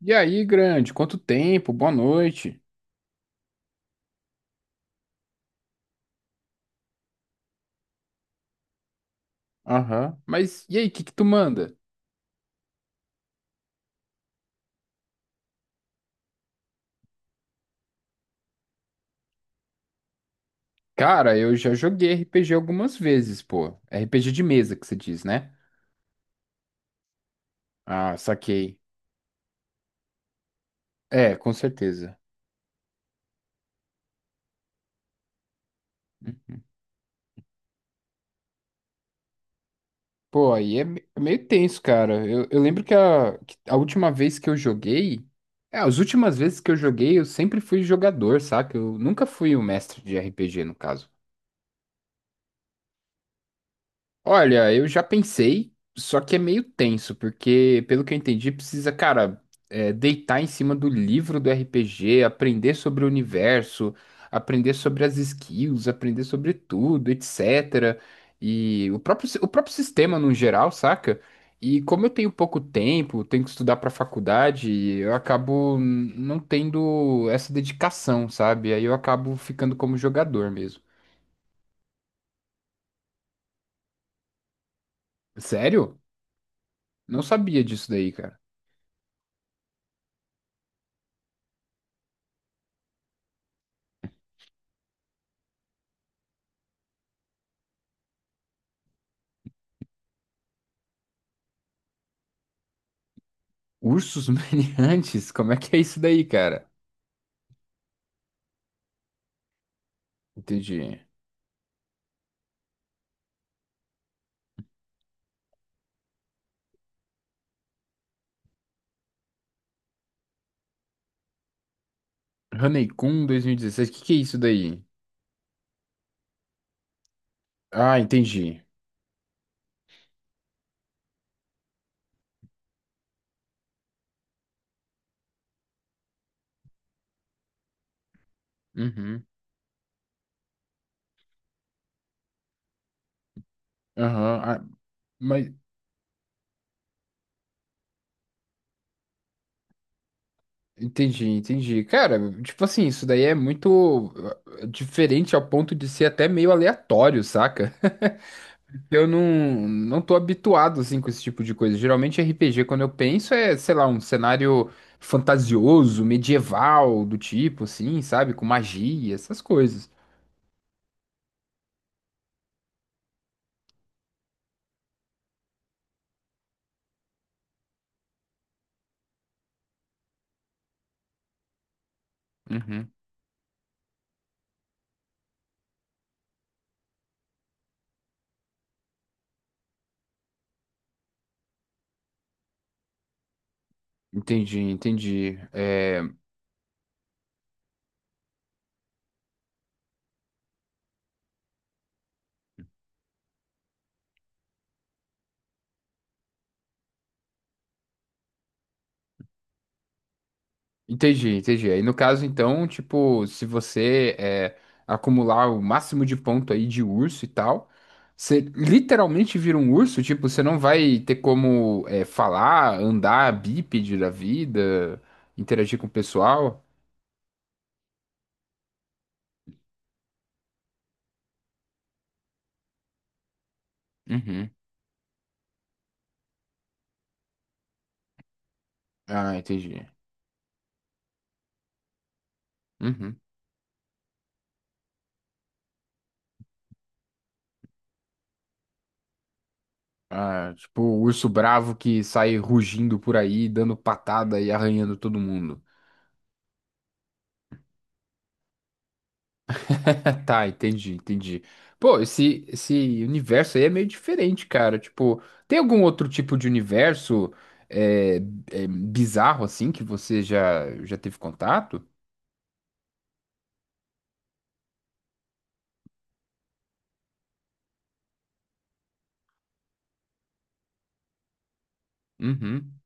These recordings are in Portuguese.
E aí, grande, quanto tempo? Boa noite. Aham. Mas e aí, o que que tu manda? Cara, eu já joguei RPG algumas vezes, pô. RPG de mesa que você diz, né? Ah, saquei. É, com certeza. Pô, aí é meio tenso, cara. Eu lembro que a última vez que eu joguei. É, as últimas vezes que eu joguei, eu sempre fui jogador, saca? Eu nunca fui o mestre de RPG, no caso. Olha, eu já pensei, só que é meio tenso, porque, pelo que eu entendi, precisa, cara, deitar em cima do livro do RPG, aprender sobre o universo, aprender sobre as skills, aprender sobre tudo, etc. E o próprio sistema no geral, saca? E como eu tenho pouco tempo, tenho que estudar pra faculdade, eu acabo não tendo essa dedicação, sabe? Aí eu acabo ficando como jogador mesmo. Sério? Não sabia disso daí, cara. Ursos Meliantes? Como é que é isso daí, cara? Entendi. Hanekun 2016, o que que é isso daí? Ah, entendi. Uhum. Aham. Ah, mas entendi, entendi. Cara, tipo assim, isso daí é muito diferente ao ponto de ser até meio aleatório, saca? Eu não tô habituado, assim, com esse tipo de coisa. Geralmente RPG, quando eu penso, é, sei lá, um cenário fantasioso, medieval, do tipo, assim, sabe? Com magia, essas coisas. Uhum. Entendi, entendi. É, entendi, entendi. Aí no caso, então, tipo, se você acumular o máximo de ponto aí de urso e tal, você literalmente vira um urso, tipo, você não vai ter como falar, andar bípede da vida, interagir com o pessoal. Uhum. Ah, entendi. Uhum. Ah, tipo, o urso bravo que sai rugindo por aí, dando patada e arranhando todo mundo. Tá, entendi, entendi. Pô, esse universo aí é meio diferente, cara. Tipo, tem algum outro tipo de universo é, bizarro assim que você já, já teve contato? Uhum.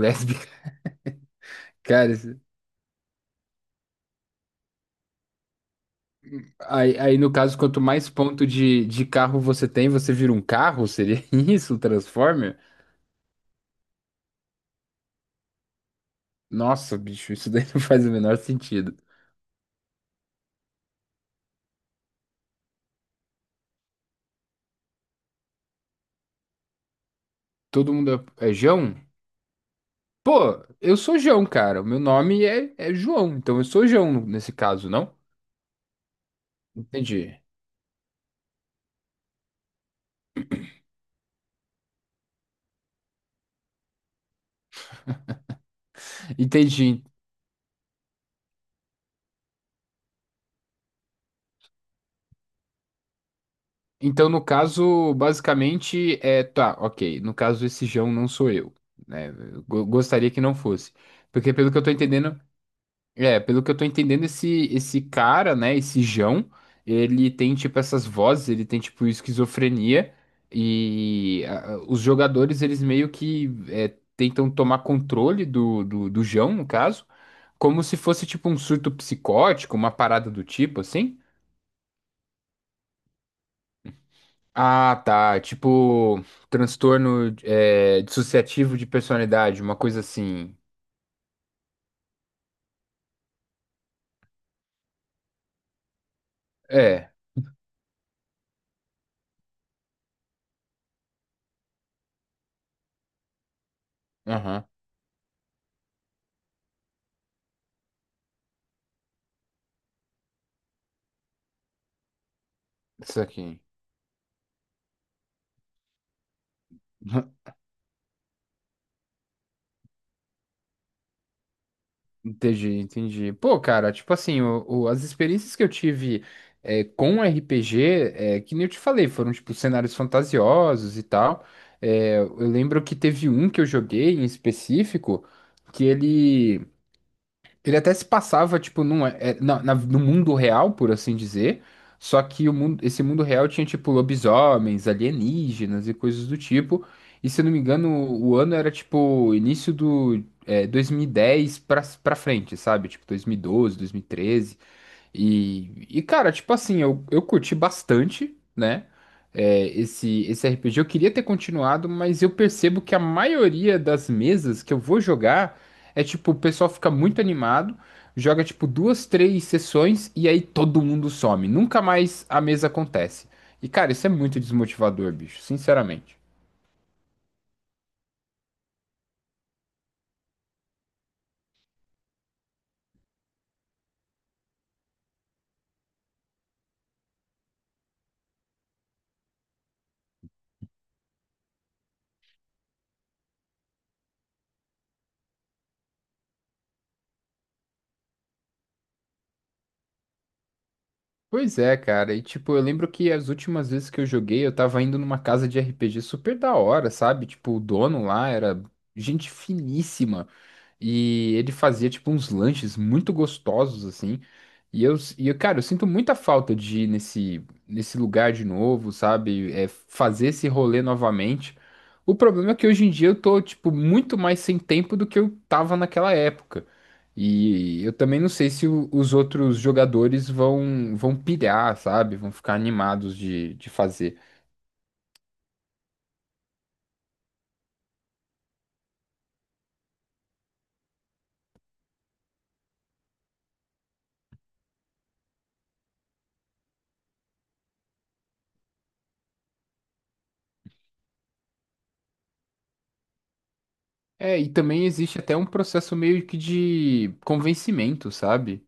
Lésbica, cara. Aí no caso, quanto mais ponto de carro você tem, você vira um carro? Seria isso, um Transformer? Nossa, bicho, isso daí não faz o menor sentido. Todo mundo é Jão? Pô, eu sou João, cara. O meu nome é João, então eu sou João nesse caso, não? Entendi. Entendi. Então, no caso, basicamente. Tá, ok. No caso, esse João não sou eu, né? Eu gostaria que não fosse. Porque, pelo que eu tô entendendo. É, pelo que eu tô entendendo, esse cara, né? Esse João, ele tem, tipo, essas vozes, ele tem, tipo, esquizofrenia. E os jogadores, eles meio que tentam tomar controle do João, no caso. Como se fosse tipo um surto psicótico, uma parada do tipo, assim? Ah, tá. Tipo, transtorno dissociativo de personalidade, uma coisa assim. É, aham. Isso aqui. Entendi, entendi. Pô, cara, tipo assim, as experiências que eu tive com RPG, que nem eu te falei, foram tipo cenários fantasiosos e tal. É, eu lembro que teve um que eu joguei em específico, que ele. Ele até se passava, tipo, num, é, é, na, na- no mundo real, por assim dizer. Só que o mundo, esse mundo real tinha, tipo, lobisomens, alienígenas e coisas do tipo. E se eu não me engano, o ano era, tipo, início do 2010 pra frente, sabe? Tipo, 2012, 2013. E cara, tipo assim, eu curti bastante, né? Esse RPG. Eu queria ter continuado, mas eu percebo que a maioria das mesas que eu vou jogar é tipo, o pessoal fica muito animado, joga tipo duas, três sessões e aí todo mundo some. Nunca mais a mesa acontece. E cara, isso é muito desmotivador, bicho, sinceramente. Pois é, cara. E tipo, eu lembro que as últimas vezes que eu joguei, eu tava indo numa casa de RPG super da hora, sabe? Tipo, o dono lá era gente finíssima. E ele fazia, tipo, uns lanches muito gostosos, assim. E eu, cara, eu sinto muita falta de ir nesse, nesse lugar de novo, sabe? É, fazer esse rolê novamente. O problema é que hoje em dia eu tô, tipo, muito mais sem tempo do que eu tava naquela época. E eu também não sei se os outros jogadores vão pilhar, sabe? Vão ficar animados de fazer. É, e também existe até um processo meio que de convencimento, sabe?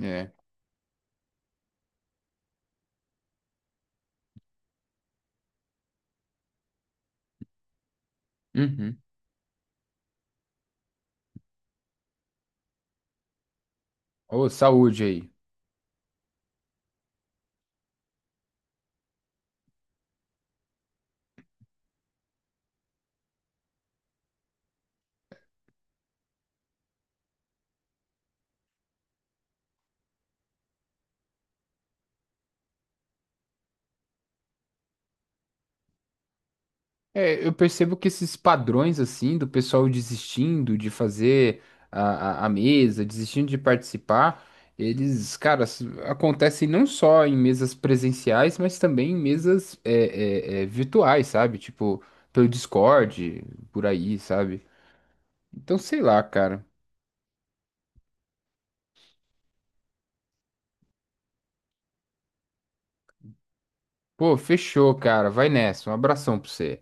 É. Uhum. Ô, saúde aí. É, eu percebo que esses padrões, assim, do pessoal desistindo de fazer a mesa, desistindo de participar, eles, cara, acontecem não só em mesas presenciais, mas também em mesas virtuais, sabe? Tipo, pelo Discord, por aí, sabe? Então, sei lá, cara. Pô, fechou, cara. Vai nessa. Um abração pra você.